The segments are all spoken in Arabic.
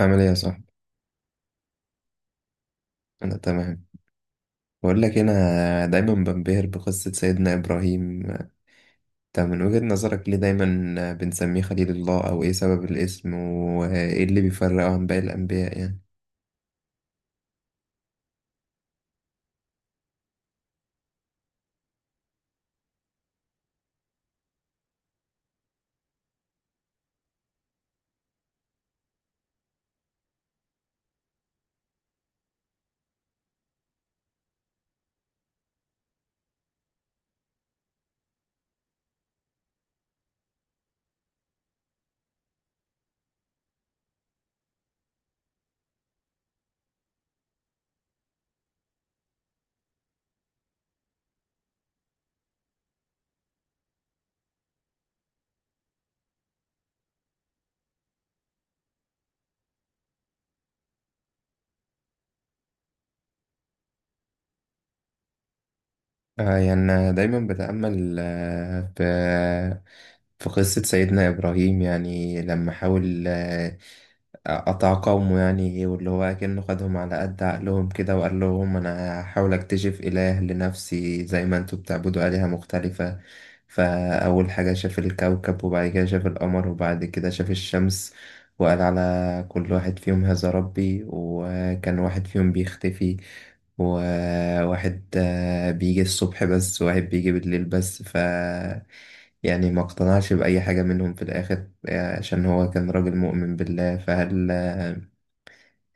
عامل ايه يا صاحبي؟ انا تمام. بقول لك انا دايما بنبهر بقصة سيدنا ابراهيم. انت من وجهة نظرك ليه دايما بنسميه خليل الله، او ايه سبب الاسم، وايه اللي بيفرقه عن باقي الانبياء يعني؟ يعني أنا دايما بتأمل في قصة سيدنا إبراهيم. يعني لما حاول أتعاقموا، يعني واللي هو أكنه خدهم على قد عقلهم كده، وقال لهم أنا هحاول أكتشف إله لنفسي زي ما أنتوا بتعبدوا آلهة مختلفة. فأول حاجة شاف الكوكب، وبعد كده شاف القمر، وبعد كده شاف الشمس. وقال على كل واحد فيهم هذا ربي، وكان واحد فيهم بيختفي، وواحد بيجي الصبح بس، وواحد بيجي بالليل بس. يعني ما اقتنعش بأي حاجة منهم في الآخر، عشان هو كان راجل مؤمن بالله. فهل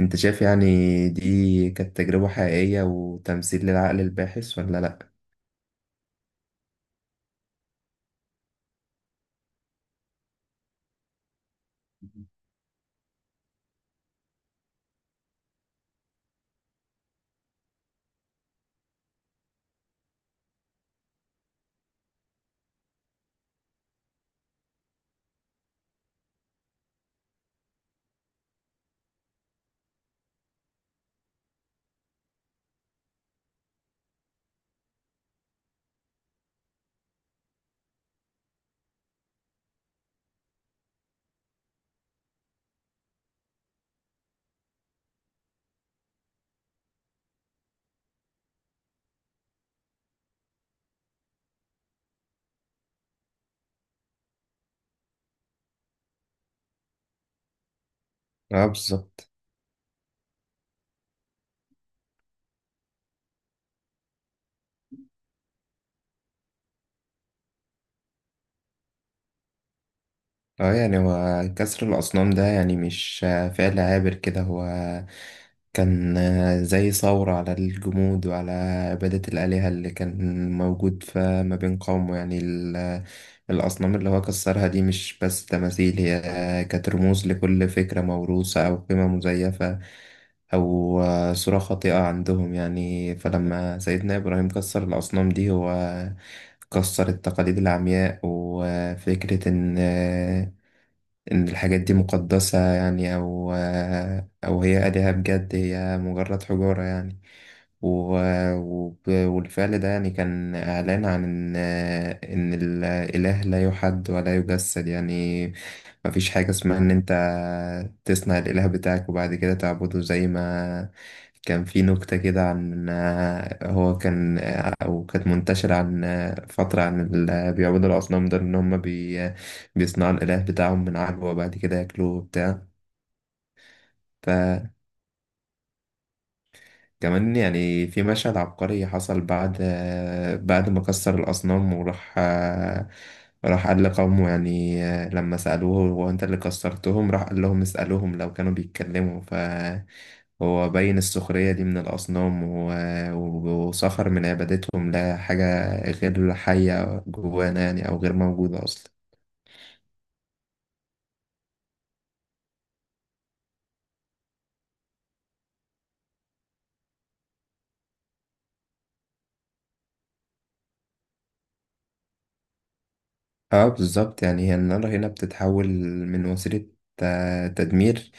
انت شايف يعني دي كانت تجربة حقيقية وتمثيل للعقل الباحث ولا لأ؟ اه، بالظبط. اه، يعني هو كسر الأصنام ده يعني مش فعل عابر كده. هو كان زي ثورة على الجمود، وعلى عبادة الآلهة اللي كان موجود فما بين قومه. يعني الأصنام اللي هو كسرها دي مش بس تماثيل، هي كانت رموز لكل فكرة موروثة أو قيمة مزيفة، أو صورة خاطئة عندهم يعني. فلما سيدنا إبراهيم كسر الأصنام دي، هو كسر التقاليد العمياء، وفكرة إن الحاجات دي مقدسة يعني، أو هي آلهة بجد. هي مجرد حجارة يعني. والفعل ده يعني كان إعلان عن إن الإله لا يحد ولا يجسد يعني. مفيش حاجة اسمها إن أنت تصنع الإله بتاعك وبعد كده تعبده، زي ما كان في نكتة كده عن هو كان أو كانت منتشرة عن فترة، عن اللي بيعبدوا الأصنام دول إن هم بيصنعوا الإله بتاعهم من عجوة وبعد كده ياكلوه وبتاع. فكمان يعني في مشهد عبقري حصل بعد ما كسر الأصنام، وراح راح قال لقومه. يعني لما سألوه هو أنت اللي كسرتهم، راح قال لهم اسألوهم لو كانوا بيتكلموا. فهو بين السخرية دي من الأصنام، وسخر من عبادتهم لحاجة غير حية جوانا يعني، أو غير موجودة أصلا. اه، بالظبط. يعني هي النار هنا بتتحول من وسيلة تدمير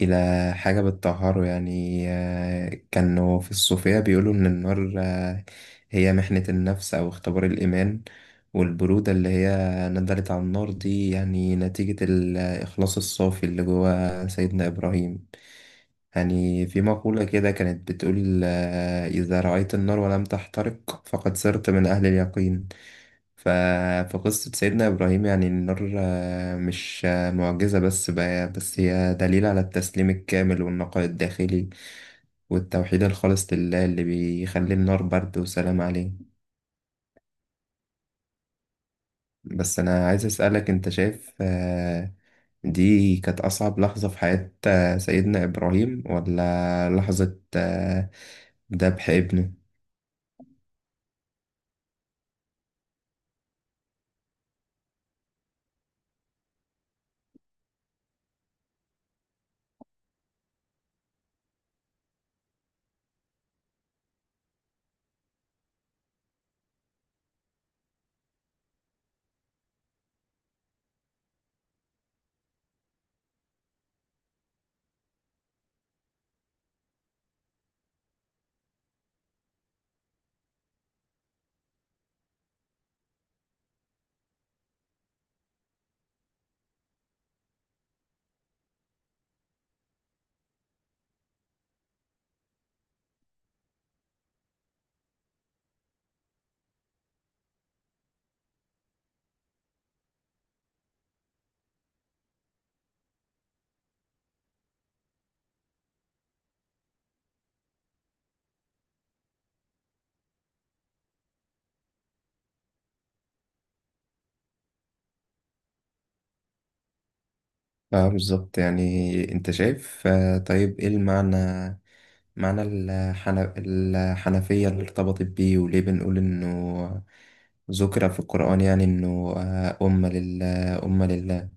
إلى حاجة بتطهره يعني. كانوا في الصوفية بيقولوا إن النار هي محنة النفس أو اختبار الإيمان. والبرودة اللي هي نزلت على النار دي يعني نتيجة الإخلاص الصافي اللي جوا سيدنا إبراهيم. يعني في مقولة كده كانت بتقول إذا رأيت النار ولم تحترق فقد صرت من أهل اليقين. ف... فقصة سيدنا إبراهيم يعني النار مش معجزة بس بقى، بس هي دليل على التسليم الكامل والنقاء الداخلي، والتوحيد الخالص لله اللي بيخلي النار برد وسلام عليه. بس أنا عايز أسألك، أنت شايف دي كانت أصعب لحظة في حياة سيدنا إبراهيم، ولا لحظة ذبح ابنه؟ اه، بالظبط. يعني انت شايف طيب ايه معنى الحنفية اللي ارتبطت بيه، وليه بنقول إنه ذكر في القرآن يعني إنه أمة لله أمة لله؟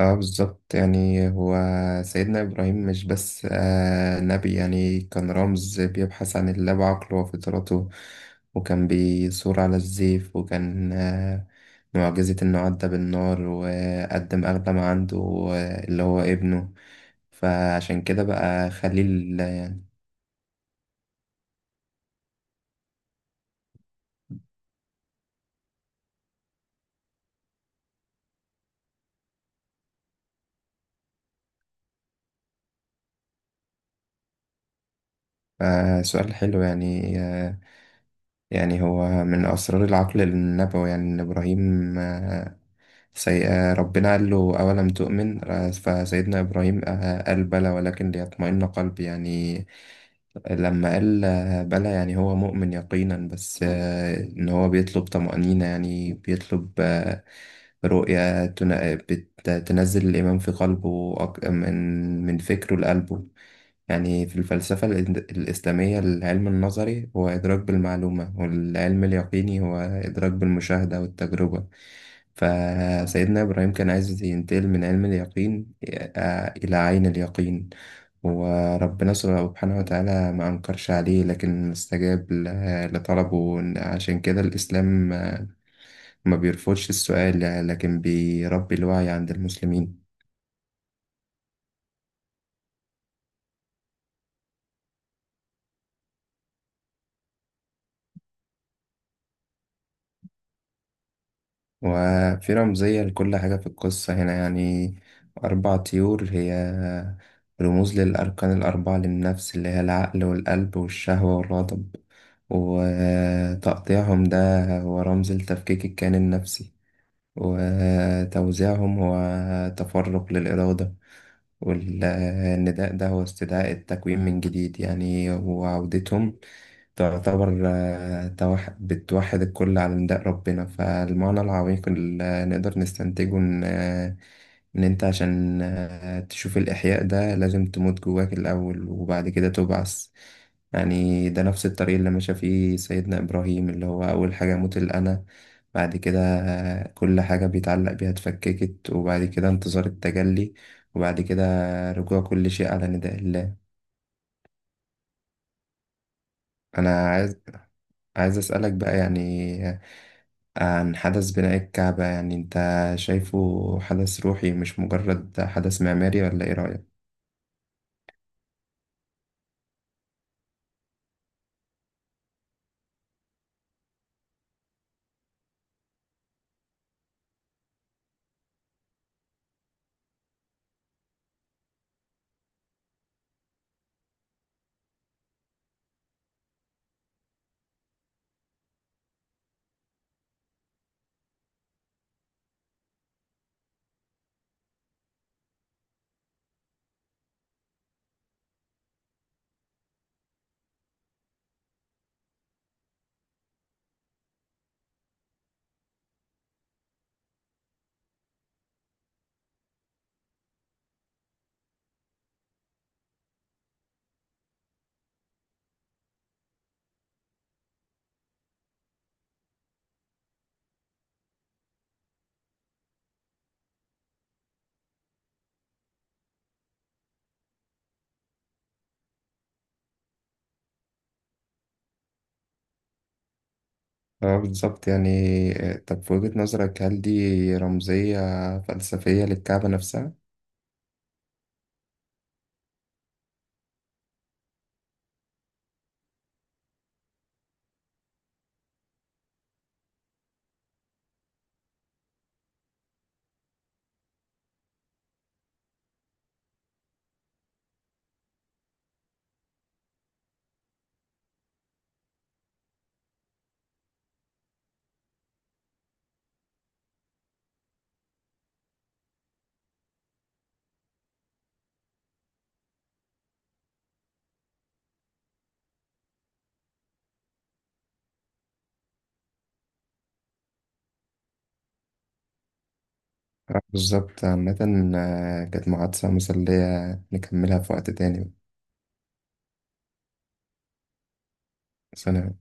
اه، بالظبط. يعني هو سيدنا إبراهيم مش بس نبي. يعني كان رمز بيبحث عن الله بعقله وفطرته، وكان بيثور على الزيف، وكان معجزة إنه عدى بالنار وقدم أغلى ما عنده، اللي هو ابنه. فعشان كده بقى خليل. سؤال حلو. يعني يعني هو من أسرار العقل النبوي، يعني إن إبراهيم آه سي... آه، ربنا قال له أولم تؤمن، فسيدنا إبراهيم قال بلى ولكن ليطمئن قلبي. يعني لما قال بلى، يعني هو مؤمن يقينا، بس إن هو بيطلب طمأنينة، يعني بيطلب رؤية تنزل الإيمان في قلبه، من فكره لقلبه. يعني في الفلسفة الإسلامية، العلم النظري هو إدراك بالمعلومة، والعلم اليقيني هو إدراك بالمشاهدة والتجربة. فسيدنا إبراهيم كان عايز ينتقل من علم اليقين إلى عين اليقين. وربنا سبحانه وتعالى ما أنكرش عليه، لكن استجاب لطلبه. عشان كده الإسلام ما بيرفضش السؤال، لكن بيربي الوعي عند المسلمين. وفي رمزية لكل حاجة في القصة هنا. يعني أربع طيور هي رموز للأركان الأربعة للنفس، اللي هي العقل والقلب والشهوة والغضب. وتقطيعهم ده هو رمز لتفكيك الكيان النفسي، وتوزيعهم هو تفرق للإرادة، والنداء ده هو استدعاء التكوين من جديد يعني. وعودتهم تعتبر بتوحد الكل على نداء ربنا. فالمعنى العميق اللي نقدر نستنتجه إن أنت عشان تشوف الإحياء ده لازم تموت جواك الأول، وبعد كده تبعث. يعني ده نفس الطريق اللي مشى فيه سيدنا إبراهيم، اللي هو أول حاجة موت الأنا، بعد كده كل حاجة بيتعلق بيها اتفككت، وبعد كده انتظار التجلي، وبعد كده رجوع كل شيء على نداء الله. أنا عايز أسألك بقى يعني عن حدث بناء الكعبة. يعني أنت شايفه حدث روحي مش مجرد حدث معماري، ولا إيه رأيك؟ اه، بالظبط. يعني طب في وجهة نظرك هل دي رمزية فلسفية للكعبة نفسها؟ اه، بالظبط. عامة كانت محادثة مسلية، نكملها في وقت تاني. سلام.